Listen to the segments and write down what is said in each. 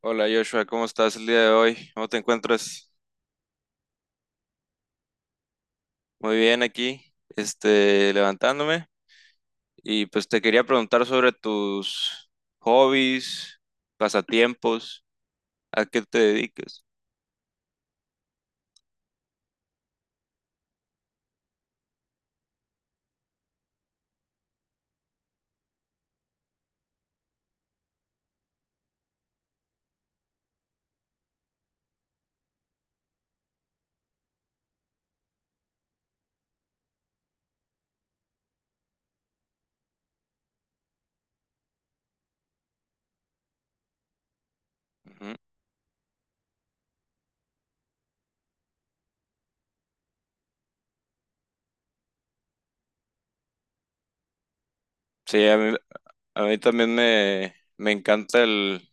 Hola Joshua, ¿cómo estás el día de hoy? ¿Cómo te encuentras? Muy bien aquí, levantándome. Y pues te quería preguntar sobre tus hobbies, pasatiempos, a qué te dedicas. Ujú. Sí, a mí también me encanta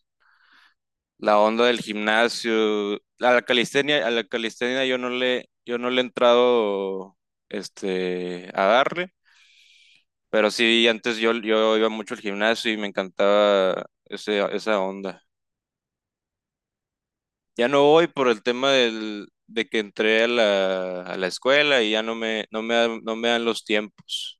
la onda del gimnasio. A la calistenia yo no le he entrado a darle. Pero sí, antes yo iba mucho al gimnasio y me encantaba esa onda. Ya no voy por el tema de que entré a a la escuela y ya no me dan los tiempos.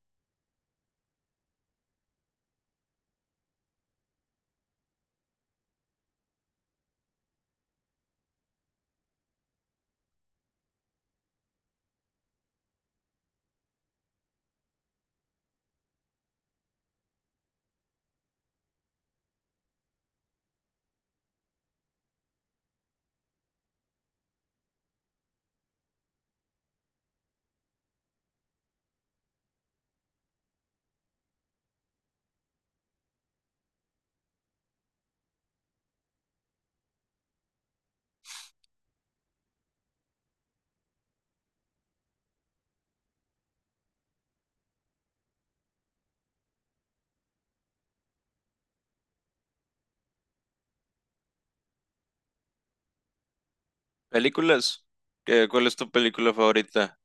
¿Películas? ¿Cuál es tu película favorita?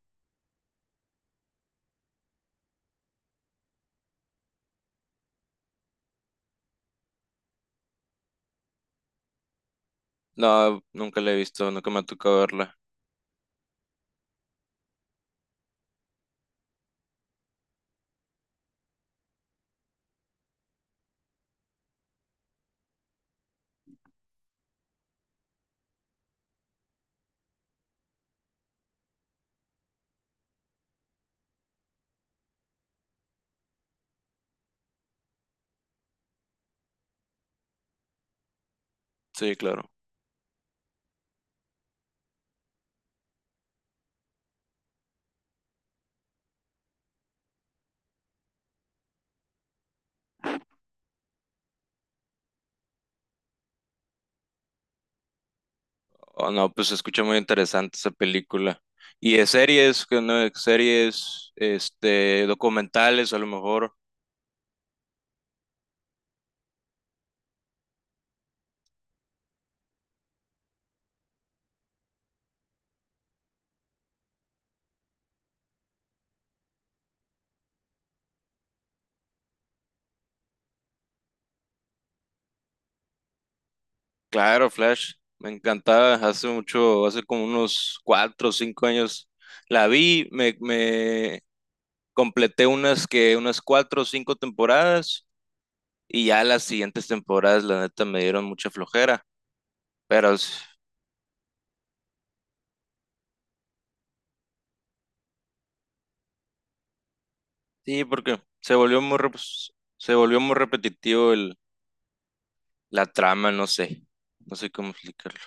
No, nunca la he visto, nunca me ha tocado verla. Sí, claro. Oh, no, pues se escucha muy interesante esa película. Y de series, que no, series, documentales a lo mejor. Claro, Flash, me encantaba hace mucho, hace como unos 4 o 5 años la vi, me completé unas 4 o 5 temporadas y ya las siguientes temporadas la neta me dieron mucha flojera, pero s- sí, porque se volvió muy repetitivo el la trama, no sé, no sé cómo explicarlo.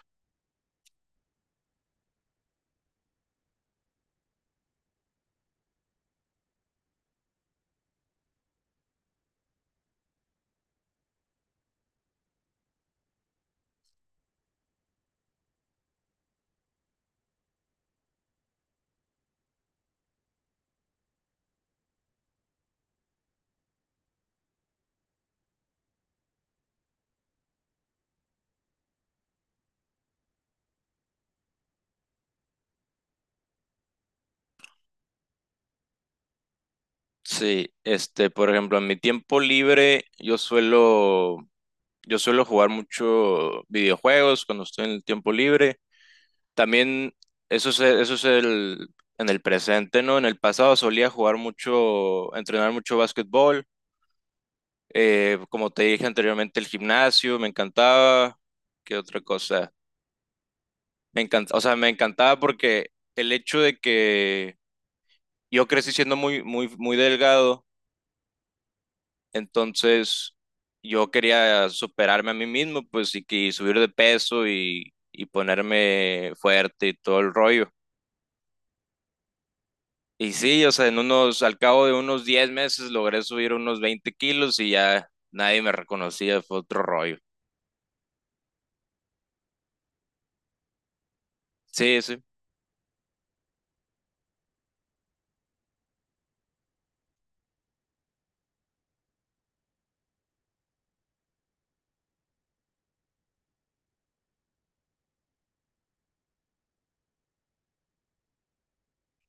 Sí, por ejemplo, en mi tiempo libre yo suelo jugar mucho videojuegos cuando estoy en el tiempo libre. También eso es en el presente, ¿no? En el pasado solía jugar mucho, entrenar mucho básquetbol. Como te dije anteriormente, el gimnasio me encantaba. ¿Qué otra cosa? Me encantaba porque el hecho de que yo crecí siendo muy delgado. Entonces, yo quería superarme a mí mismo, pues, y subir de peso y ponerme fuerte y todo el rollo. Y sí, o sea, al cabo de unos 10 meses logré subir unos 20 kilos y ya nadie me reconocía, fue otro rollo. Sí, sí,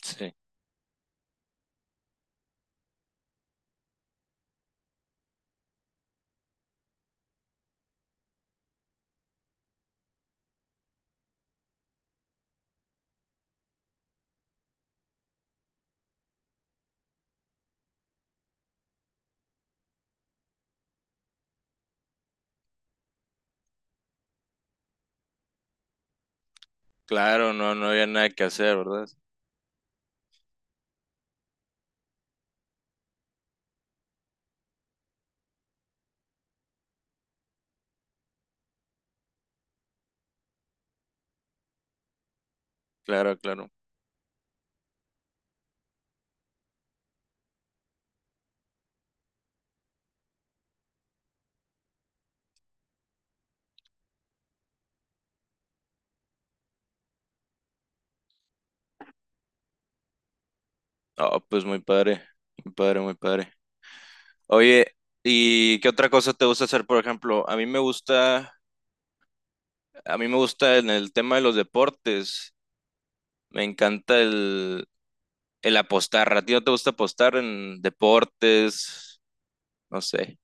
sí. Claro, no, no había nada que hacer, ¿verdad? Claro, claro. Ah, pues muy padre, muy padre, muy padre. Oye, ¿y qué otra cosa te gusta hacer, por ejemplo? A mí me gusta en el tema de los deportes. Me encanta el apostar. ¿A ti no te gusta apostar en deportes? No sé.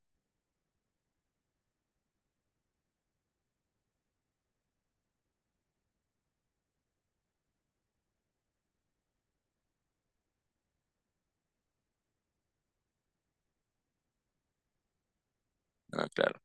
Ah, claro.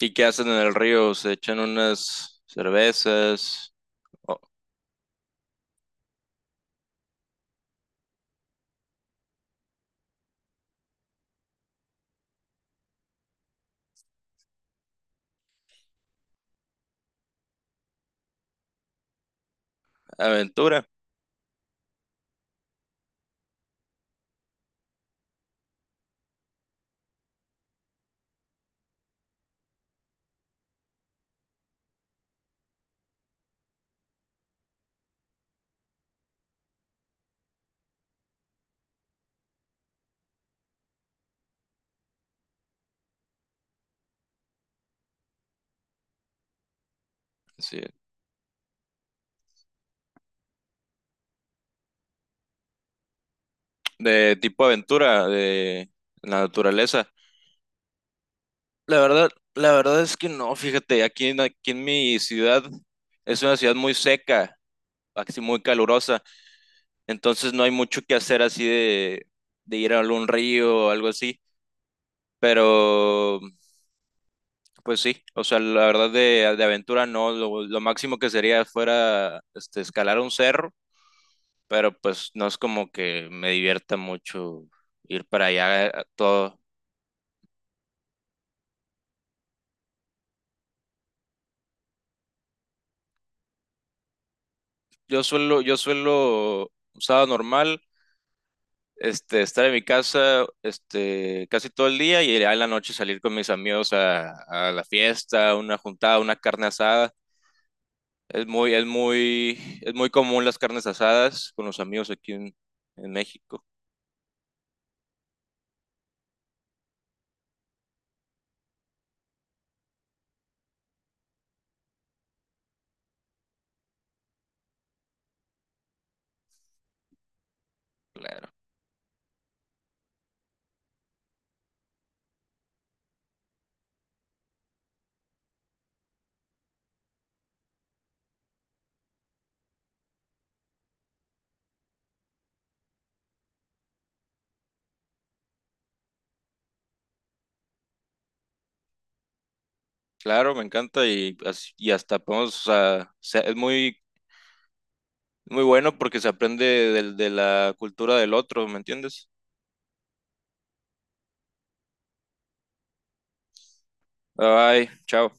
¿Y qué hacen en el río? ¿Se echan unas cervezas? Oh, aventura. Sí. De tipo aventura, de la naturaleza. La verdad, la verdad es que no, fíjate, aquí en mi ciudad es una ciudad muy seca, así muy calurosa, entonces no hay mucho que hacer de ir a algún río o algo así, pero pues sí, o sea, la verdad de aventura no, lo máximo que sería fuera escalar un cerro, pero pues no es como que me divierta mucho ir para allá todo. Yo suelo, un sábado normal, estar en mi casa, casi todo el día y ya en la noche salir con mis amigos a la fiesta, una juntada, una carne asada. Es muy común las carnes asadas con los amigos en México. Claro, me encanta y hasta podemos, es muy, muy bueno porque se aprende de la cultura del otro, ¿me entiendes? Bye, bye, chao.